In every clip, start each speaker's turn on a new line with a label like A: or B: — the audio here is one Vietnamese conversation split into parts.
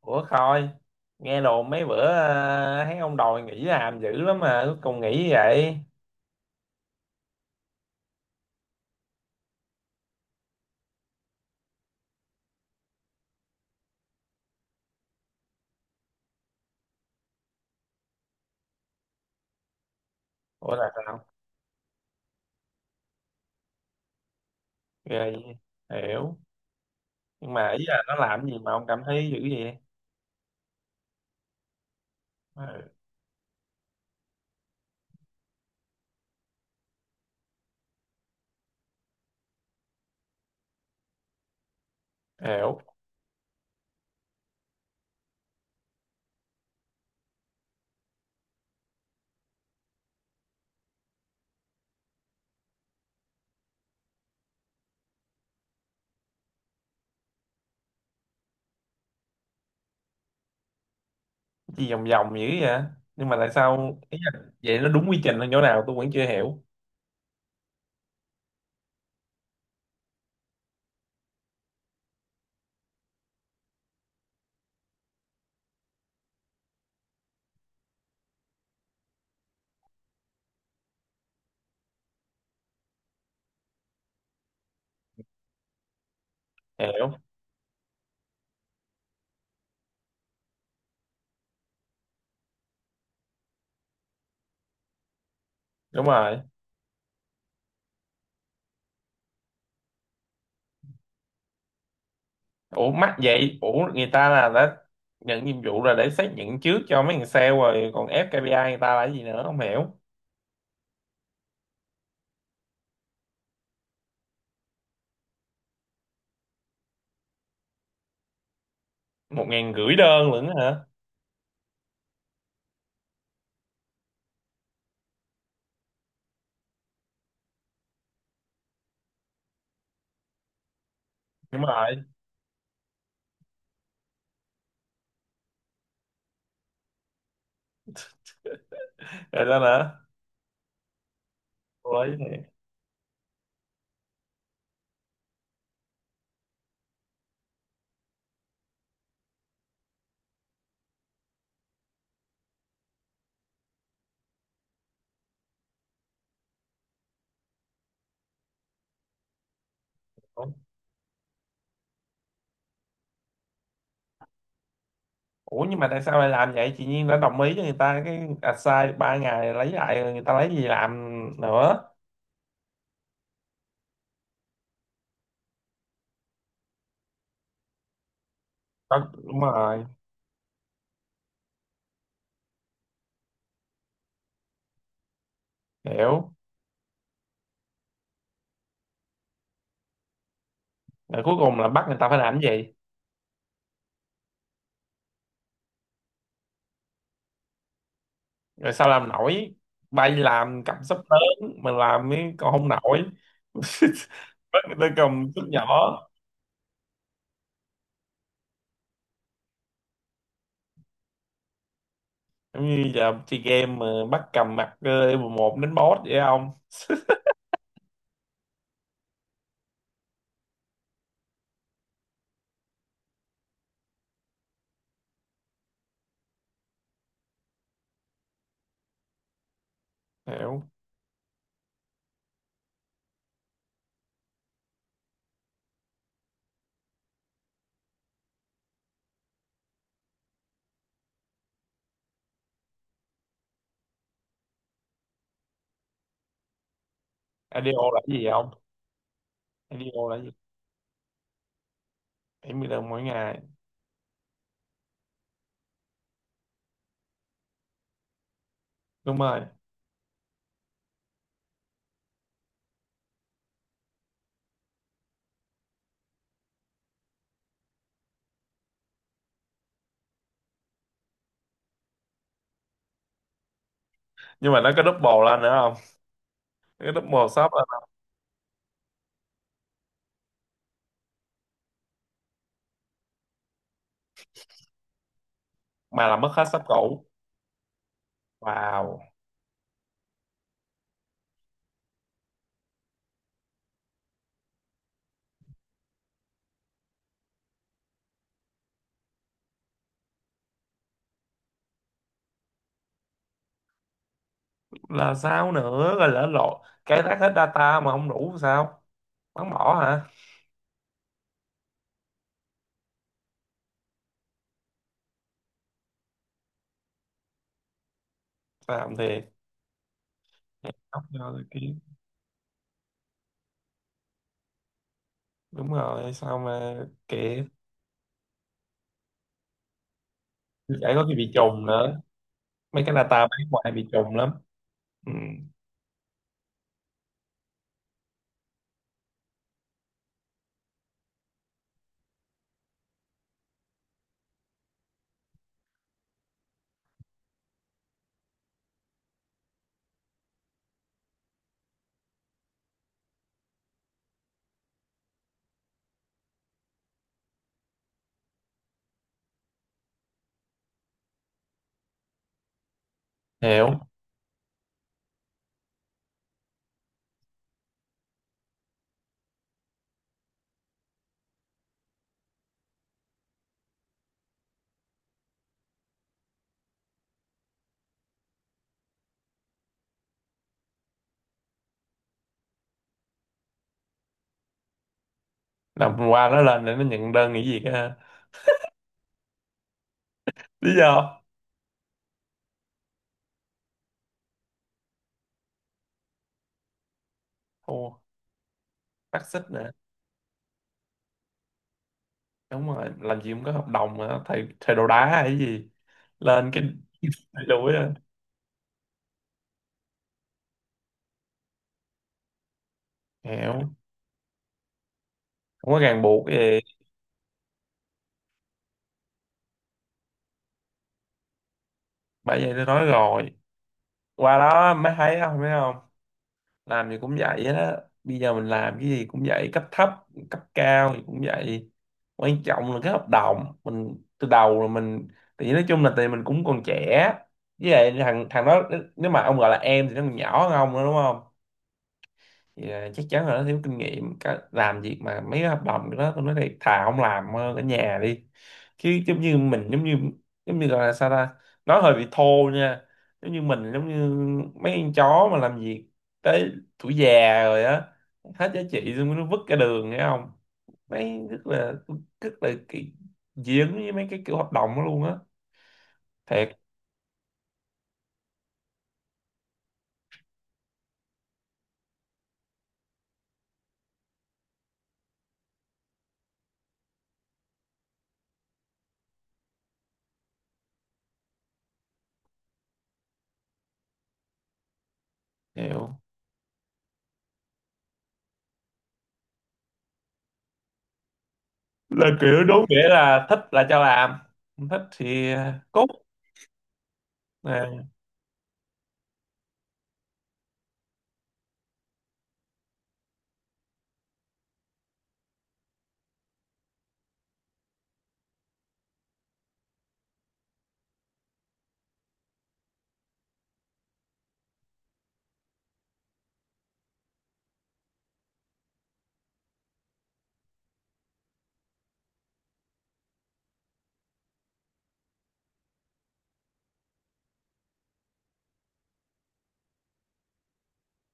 A: Ủa Khôi, nghe đồn mấy bữa thấy ông đòi nghỉ làm dữ lắm mà cuối cùng nghỉ vậy. Ủa là sao? Rồi, hiểu. Nhưng mà ý là nó làm gì mà ông cảm thấy dữ vậy? Ừ, hiểu. Gì vòng vòng dữ vậy? Nhưng mà tại sao ý là vậy nó đúng quy trình ở chỗ nào tôi vẫn chưa hiểu. Hiểu. Đúng rồi. Ủa mắc vậy, ủa người ta là đã nhận nhiệm vụ là để xác nhận trước cho mấy thằng sale rồi còn ép KPI người ta là cái gì nữa không hiểu. Một ngàn rưỡi đơn lận hả? Đúng rồi. Rồi đó nữa. Lấy thì Ủa nhưng mà tại sao lại làm vậy? Chị Nhiên đã đồng ý cho người ta cái assign 3 ngày lấy lại rồi người ta lấy gì làm nữa. Đó, đúng rồi, hiểu. Rồi cuối cùng là bắt người ta phải làm cái gì? Rồi sao làm nổi? Bay làm cầm súp lớn, mà làm cái còn không nổi. Bắt người ta cầm súp nhỏ. Giống như giờ chơi game mà bắt cầm mặt level 1 đến boss vậy không? Hiểu. IDO là cái gì không? IDO là cái gì? Bảy mươi đồng mỗi ngày. Đúng rồi. Nhưng mà nó có double lên nữa không? Cái top 1 shop là, mà là mất hết shop cũ. Wow. Là sao nữa, rồi lỡ lộ cái rác hết data mà không đủ sao, bắn bỏ hả? Làm thiệt. Nhóc vô rồi kia. Đúng rồi sao mà kệ. Phải có khi bị trùng nữa, mấy cái data bán ngoài bị trùng lắm. Ừ. Hiểu. Làm qua nó lên để nó nhận đơn nghỉ việc ha. Lý do. Ồ, phát xít nữa. Đúng rồi làm gì cũng có hợp đồng mà thầy thầy đồ đá hay gì lên cái. Thầy đuổi á, hiểu. Không có ràng buộc gì. Bởi vậy tôi nói rồi, qua đó mới thấy không biết không. Làm gì cũng vậy hết á. Bây giờ mình làm cái gì cũng vậy, cấp thấp cấp cao thì cũng vậy. Quan trọng là cái hợp đồng mình từ đầu là mình. Thì nói chung là tại mình cũng còn trẻ, với lại thằng thằng đó, nếu mà ông gọi là em thì nó còn nhỏ hơn ông nữa đúng không? Thì chắc chắn là nó thiếu kinh nghiệm. Cả- làm việc mà mấy cái hợp đồng đó tôi nói thiệt thà không làm, hơn ở nhà đi. Chứ giống như mình giống như gọi là sao ta, nói hơi bị thô nha, giống như mình, giống như mấy con chó mà làm việc tới tuổi già rồi á, hết giá trị xong nó vứt cả đường nghe không. Mấy rất là cái dính với mấy cái kiểu hợp đồng đó luôn á, thiệt. Hiểu. Là kiểu đúng nghĩa là thích là cho làm, không thích thì cút.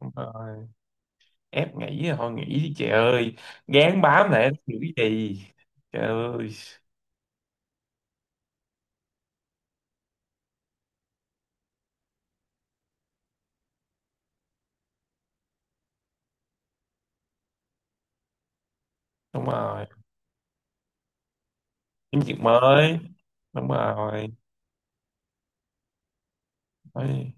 A: Nè, ép nghỉ là thôi nghỉ đi chị ơi, gán bám lại giữ gì. Trời ơi. Đúng rồi. Kiếm việc mới. Đúng rồi. Ôi,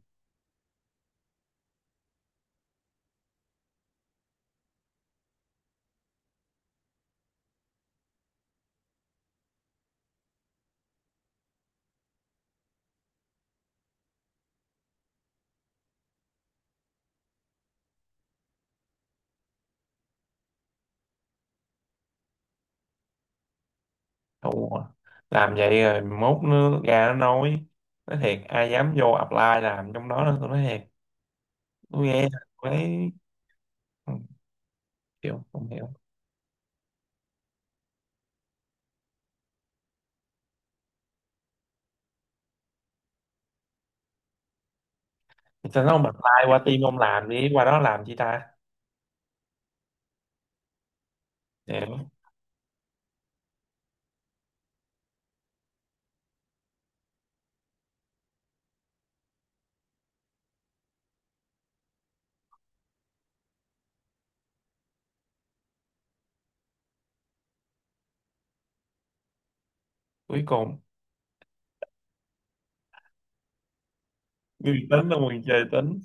A: thua. Làm vậy rồi mốt nó ra nó nói thiệt ai dám vô apply làm trong đó nữa, tôi nói thiệt. Tôi nghe, tôi thấy. Ừ, hiểu không hiểu. Sao nó không apply qua team ông làm đi, qua đó làm chi ta. Hiểu. Cuối cùng người tính là người trời tính.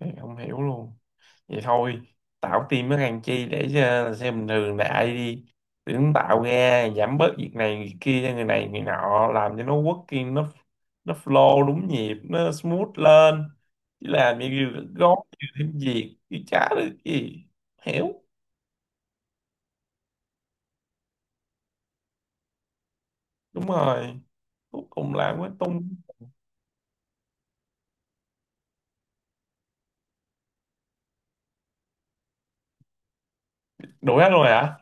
A: Thì không hiểu luôn. Vậy thôi, tạo team với thằng Chi để cho xe bình thường đại đi. Tưởng tạo ra giảm bớt việc này việc kia cho người này người nọ, làm cho nó working, nó flow đúng nhịp, nó smooth lên, chứ làm như gói nhiều thêm việc chứ chả được gì. Hiểu. Đúng rồi. Cuối cùng làm với tung. Đuổi hết luôn rồi hả?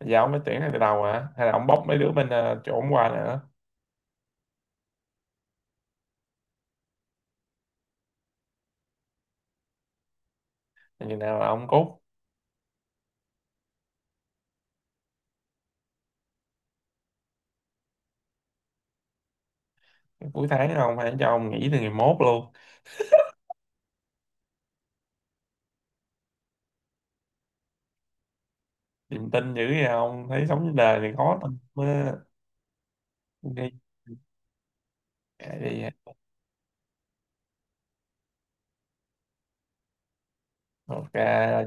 A: Giờ ông phải tuyển ngay từ đầu hả hay là ông bóc mấy đứa bên chỗ ông qua nữa? Rồi chừng nào là ông cốt? Cuối tháng không, phải cho ông nghỉ từ ngày mốt luôn. Niềm tin dữ vậy không? Thấy sống trên đời này khó tin quá. Ok, kệ đi. Ok,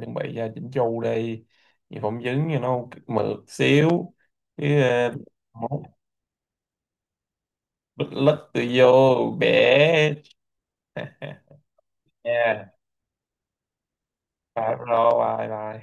A: chuẩn bị ra chỉnh chu đi. Vì phỏng vấn cho nó mượt xíu. Cái mốt bịch lứt tôi vô, bẻ. Yeah, bye bro, bye bye.